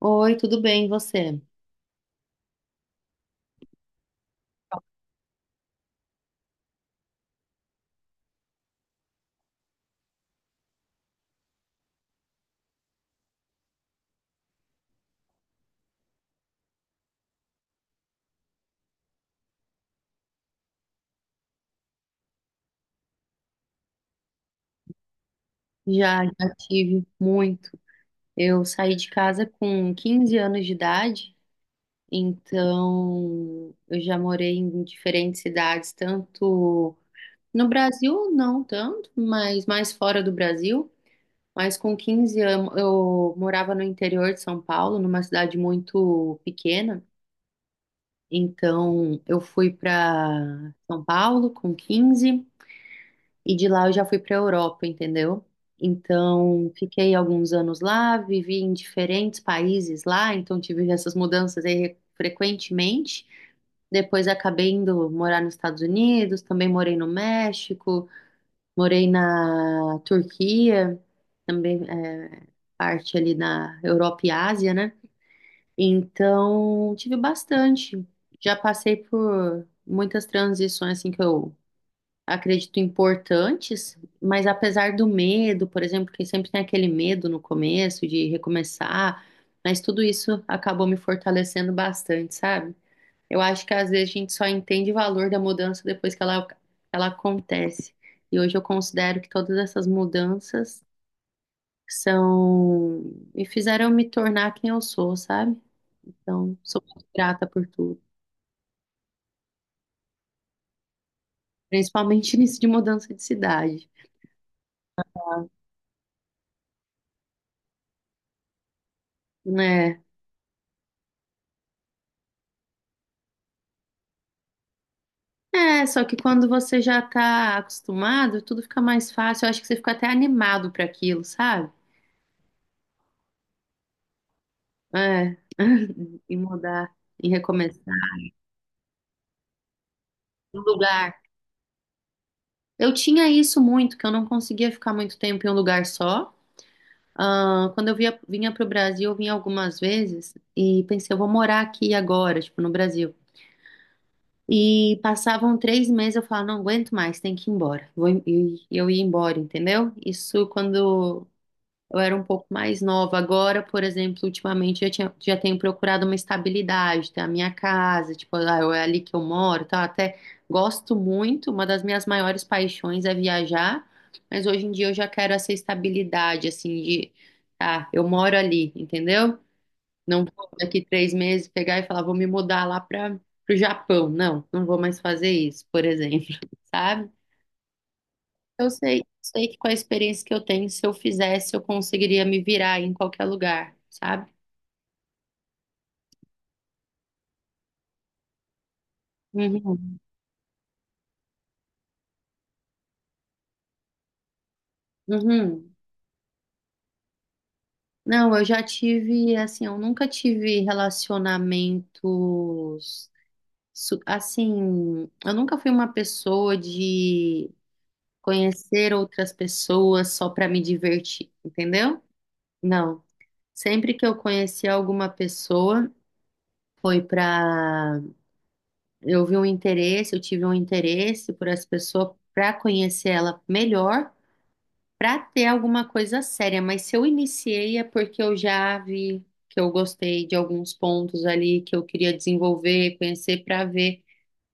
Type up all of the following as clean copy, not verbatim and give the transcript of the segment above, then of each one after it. Oi, tudo bem, e você? Já tive muito. Eu saí de casa com 15 anos de idade, então eu já morei em diferentes cidades, tanto no Brasil, não tanto, mas mais fora do Brasil. Mas com 15 anos eu morava no interior de São Paulo, numa cidade muito pequena. Então eu fui para São Paulo com 15. E de lá eu já fui para a Europa, entendeu? Então, fiquei alguns anos lá, vivi em diferentes países lá, então tive essas mudanças aí frequentemente. Depois acabei indo morar nos Estados Unidos, também morei no México, morei na Turquia, também parte ali na Europa e Ásia, né? Então, tive bastante. Já passei por muitas transições assim que eu acredito, importantes, mas apesar do medo, por exemplo, que sempre tem aquele medo no começo de recomeçar, mas tudo isso acabou me fortalecendo bastante, sabe? Eu acho que às vezes a gente só entende o valor da mudança depois que ela acontece. E hoje eu considero que todas essas mudanças são me fizeram me tornar quem eu sou, sabe? Então, sou muito grata por tudo, principalmente nisso de mudança de cidade, né? É, só que quando você já tá acostumado, tudo fica mais fácil. Eu acho que você fica até animado para aquilo, sabe? É, em mudar, e recomeçar, um lugar. Eu tinha isso muito, que eu não conseguia ficar muito tempo em um lugar só. Ah, quando eu via, vinha pro Brasil, eu vinha algumas vezes e pensei, eu vou morar aqui agora, tipo, no Brasil. E passavam três meses, eu falava, não aguento mais, tem que ir embora. Vou, e eu ia embora, entendeu? Isso quando eu era um pouco mais nova. Agora, por exemplo, ultimamente eu tinha, já tenho procurado uma estabilidade, ter a minha casa, tipo, ah, é ali que eu moro, tal. Até gosto muito, uma das minhas maiores paixões é viajar, mas hoje em dia eu já quero essa estabilidade, assim, de, ah, eu moro ali, entendeu? Não vou daqui três meses pegar e falar, vou me mudar lá para o Japão. Não, não vou mais fazer isso, por exemplo, sabe? Sei que com a experiência que eu tenho, se eu fizesse, eu conseguiria me virar em qualquer lugar, sabe? Uhum, uhum. Não, eu já tive, assim, eu nunca tive relacionamentos, assim, eu nunca fui uma pessoa de conhecer outras pessoas só para me divertir, entendeu? Não. Sempre que eu conheci alguma pessoa, foi para eu tive um interesse por essa pessoa para conhecer ela melhor, para ter alguma coisa séria. Mas se eu iniciei é porque eu já vi que eu gostei de alguns pontos ali que eu queria desenvolver, conhecer para ver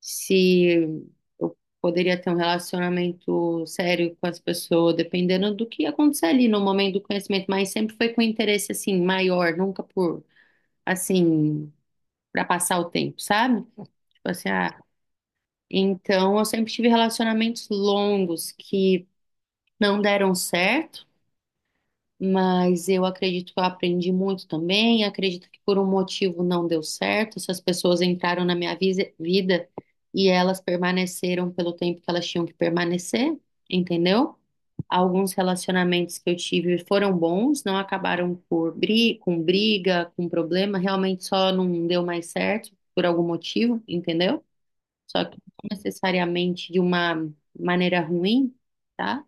se eu poderia ter um relacionamento sério com essa pessoa, dependendo do que ia acontecer ali no momento do conhecimento. Mas sempre foi com interesse assim maior, nunca por assim para passar o tempo, sabe? Tipo assim, ah, então, eu sempre tive relacionamentos longos que não deram certo, mas eu acredito que eu aprendi muito também. Acredito que por um motivo não deu certo. Essas pessoas entraram na minha vida e elas permaneceram pelo tempo que elas tinham que permanecer, entendeu? Alguns relacionamentos que eu tive foram bons, não acabaram por bri com briga, com problema, realmente só não deu mais certo por algum motivo, entendeu? Só que não necessariamente de uma maneira ruim, tá?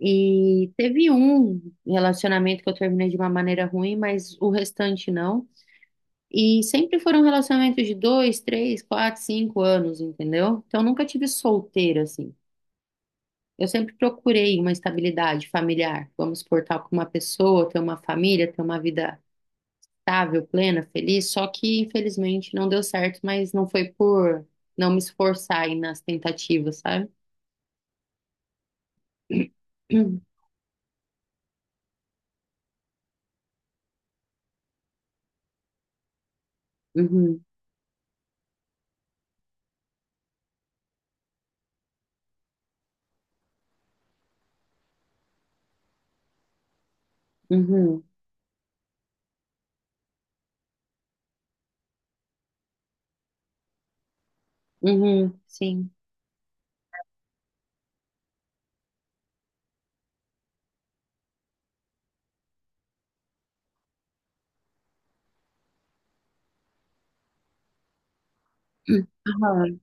E teve um relacionamento que eu terminei de uma maneira ruim, mas o restante não. E sempre foram relacionamentos de dois, três, quatro, cinco anos, entendeu? Então eu nunca tive solteira assim. Eu sempre procurei uma estabilidade familiar, vamos supor, estar com uma pessoa, ter uma família, ter uma vida estável, plena, feliz. Só que infelizmente não deu certo, mas não foi por não me esforçar aí nas tentativas, sabe? Uhum, uhum, uhum, sim. Aham,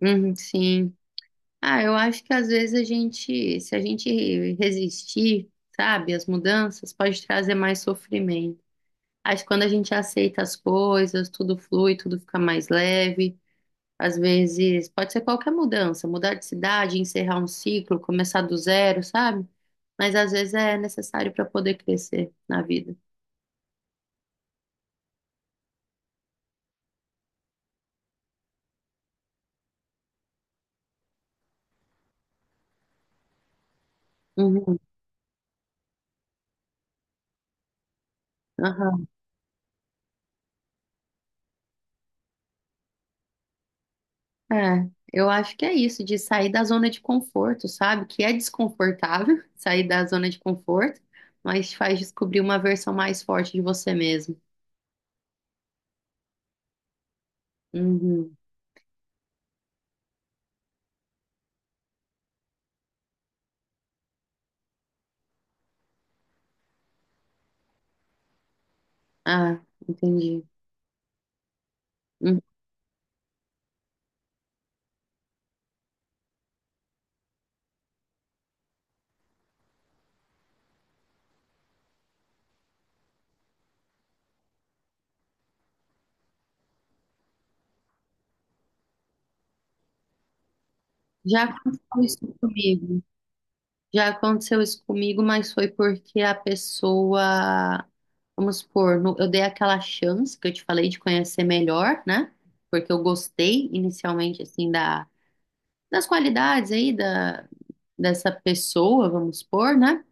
uhum, sim. Ah, eu acho que às vezes a gente, se a gente resistir, sabe, às mudanças, pode trazer mais sofrimento. Acho que quando a gente aceita as coisas, tudo flui, tudo fica mais leve. Às vezes, pode ser qualquer mudança, mudar de cidade, encerrar um ciclo, começar do zero, sabe? Mas às vezes é necessário para poder crescer na vida. Uhum. É, eu acho que é isso, de sair da zona de conforto, sabe? Que é desconfortável sair da zona de conforto, mas te faz descobrir uma versão mais forte de você mesmo. Uhum. Ah, entendi. Hum. Já aconteceu isso comigo. Já aconteceu isso comigo, mas foi porque a pessoa, vamos supor, eu dei aquela chance que eu te falei de conhecer melhor, né? Porque eu gostei inicialmente, assim, das qualidades aí, da dessa pessoa, vamos supor, né?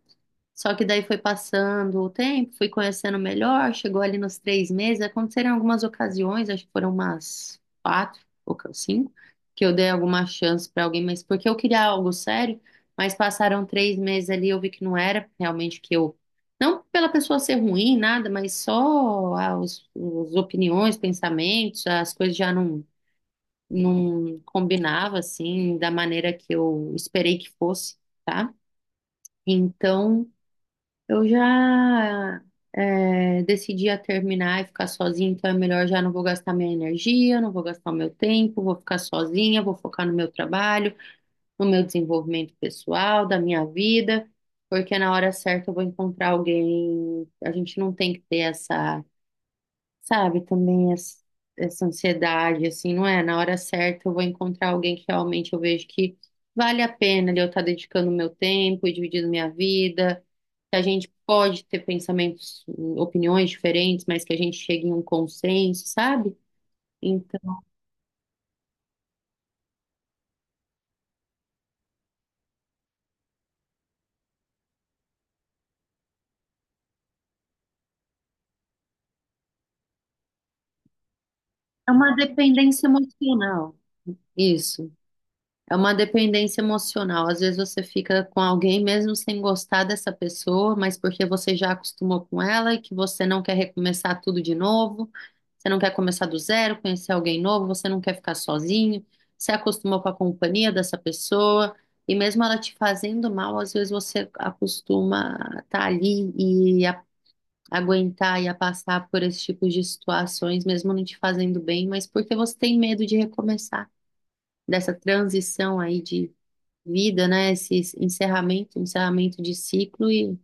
Só que daí foi passando o tempo, fui conhecendo melhor, chegou ali nos três meses, aconteceram algumas ocasiões, acho que foram umas quatro ou cinco, que eu dei alguma chance para alguém, mas porque eu queria algo sério, mas passaram três meses ali, eu vi que não era realmente que eu, não pela pessoa ser ruim, nada, mas só as opiniões, pensamentos, as coisas já não, não combinava assim, da maneira que eu esperei que fosse, tá? Então, eu já decidi a terminar e ficar sozinha, então é melhor já não vou gastar minha energia, não vou gastar o meu tempo, vou ficar sozinha, vou focar no meu trabalho, no meu desenvolvimento pessoal, da minha vida, porque na hora certa eu vou encontrar alguém. A gente não tem que ter essa sabe, também essa ansiedade, assim, não é? Na hora certa eu vou encontrar alguém que realmente eu vejo que vale a pena de eu estar dedicando meu tempo e dividindo minha vida, que a gente pode ter pensamentos, opiniões diferentes, mas que a gente chegue em um consenso, sabe? Então, é uma dependência emocional. Isso. É uma dependência emocional. Às vezes você fica com alguém mesmo sem gostar dessa pessoa, mas porque você já acostumou com ela e que você não quer recomeçar tudo de novo, você não quer começar do zero, conhecer alguém novo, você não quer ficar sozinho, você acostumou com a companhia dessa pessoa, e mesmo ela te fazendo mal, às vezes você acostuma a estar ali e a, aguentar e a passar por esse tipo de situações, mesmo não te fazendo bem, mas porque você tem medo de recomeçar, dessa transição aí de vida, né? Esse encerramento, encerramento de ciclo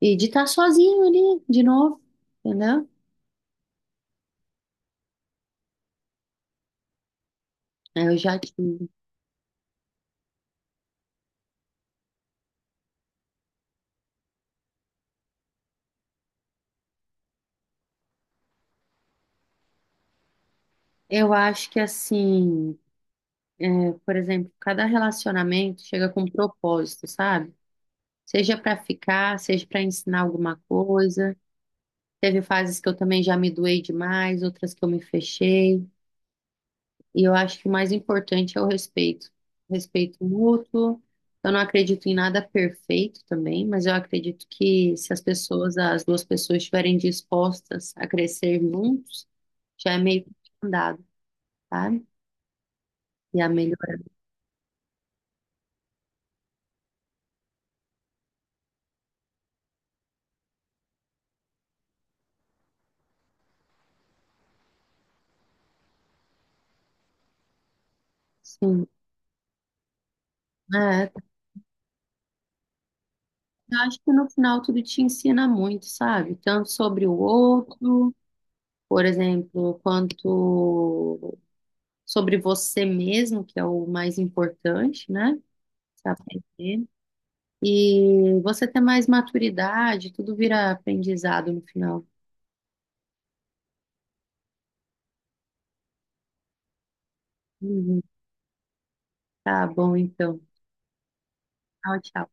e de estar sozinho ali de novo, entendeu? É, eu já tive. Eu acho que assim, por exemplo, cada relacionamento chega com um propósito, sabe? Seja para ficar, seja para ensinar alguma coisa. Teve fases que eu também já me doei demais, outras que eu me fechei. E eu acho que o mais importante é o respeito. Respeito mútuo. Eu não acredito em nada perfeito também, mas eu acredito que se as pessoas, as duas pessoas estiverem dispostas a crescer juntos, já é meio que andado, sabe? E a melhorar, sim. É, assim, né? Eu acho que no final tudo te ensina muito, sabe? Tanto sobre o outro, por exemplo, quanto sobre você mesmo, que é o mais importante, né? Se aprender. E você tem mais maturidade, tudo vira aprendizado no final. Uhum. Tá bom, então. Tchau, tchau.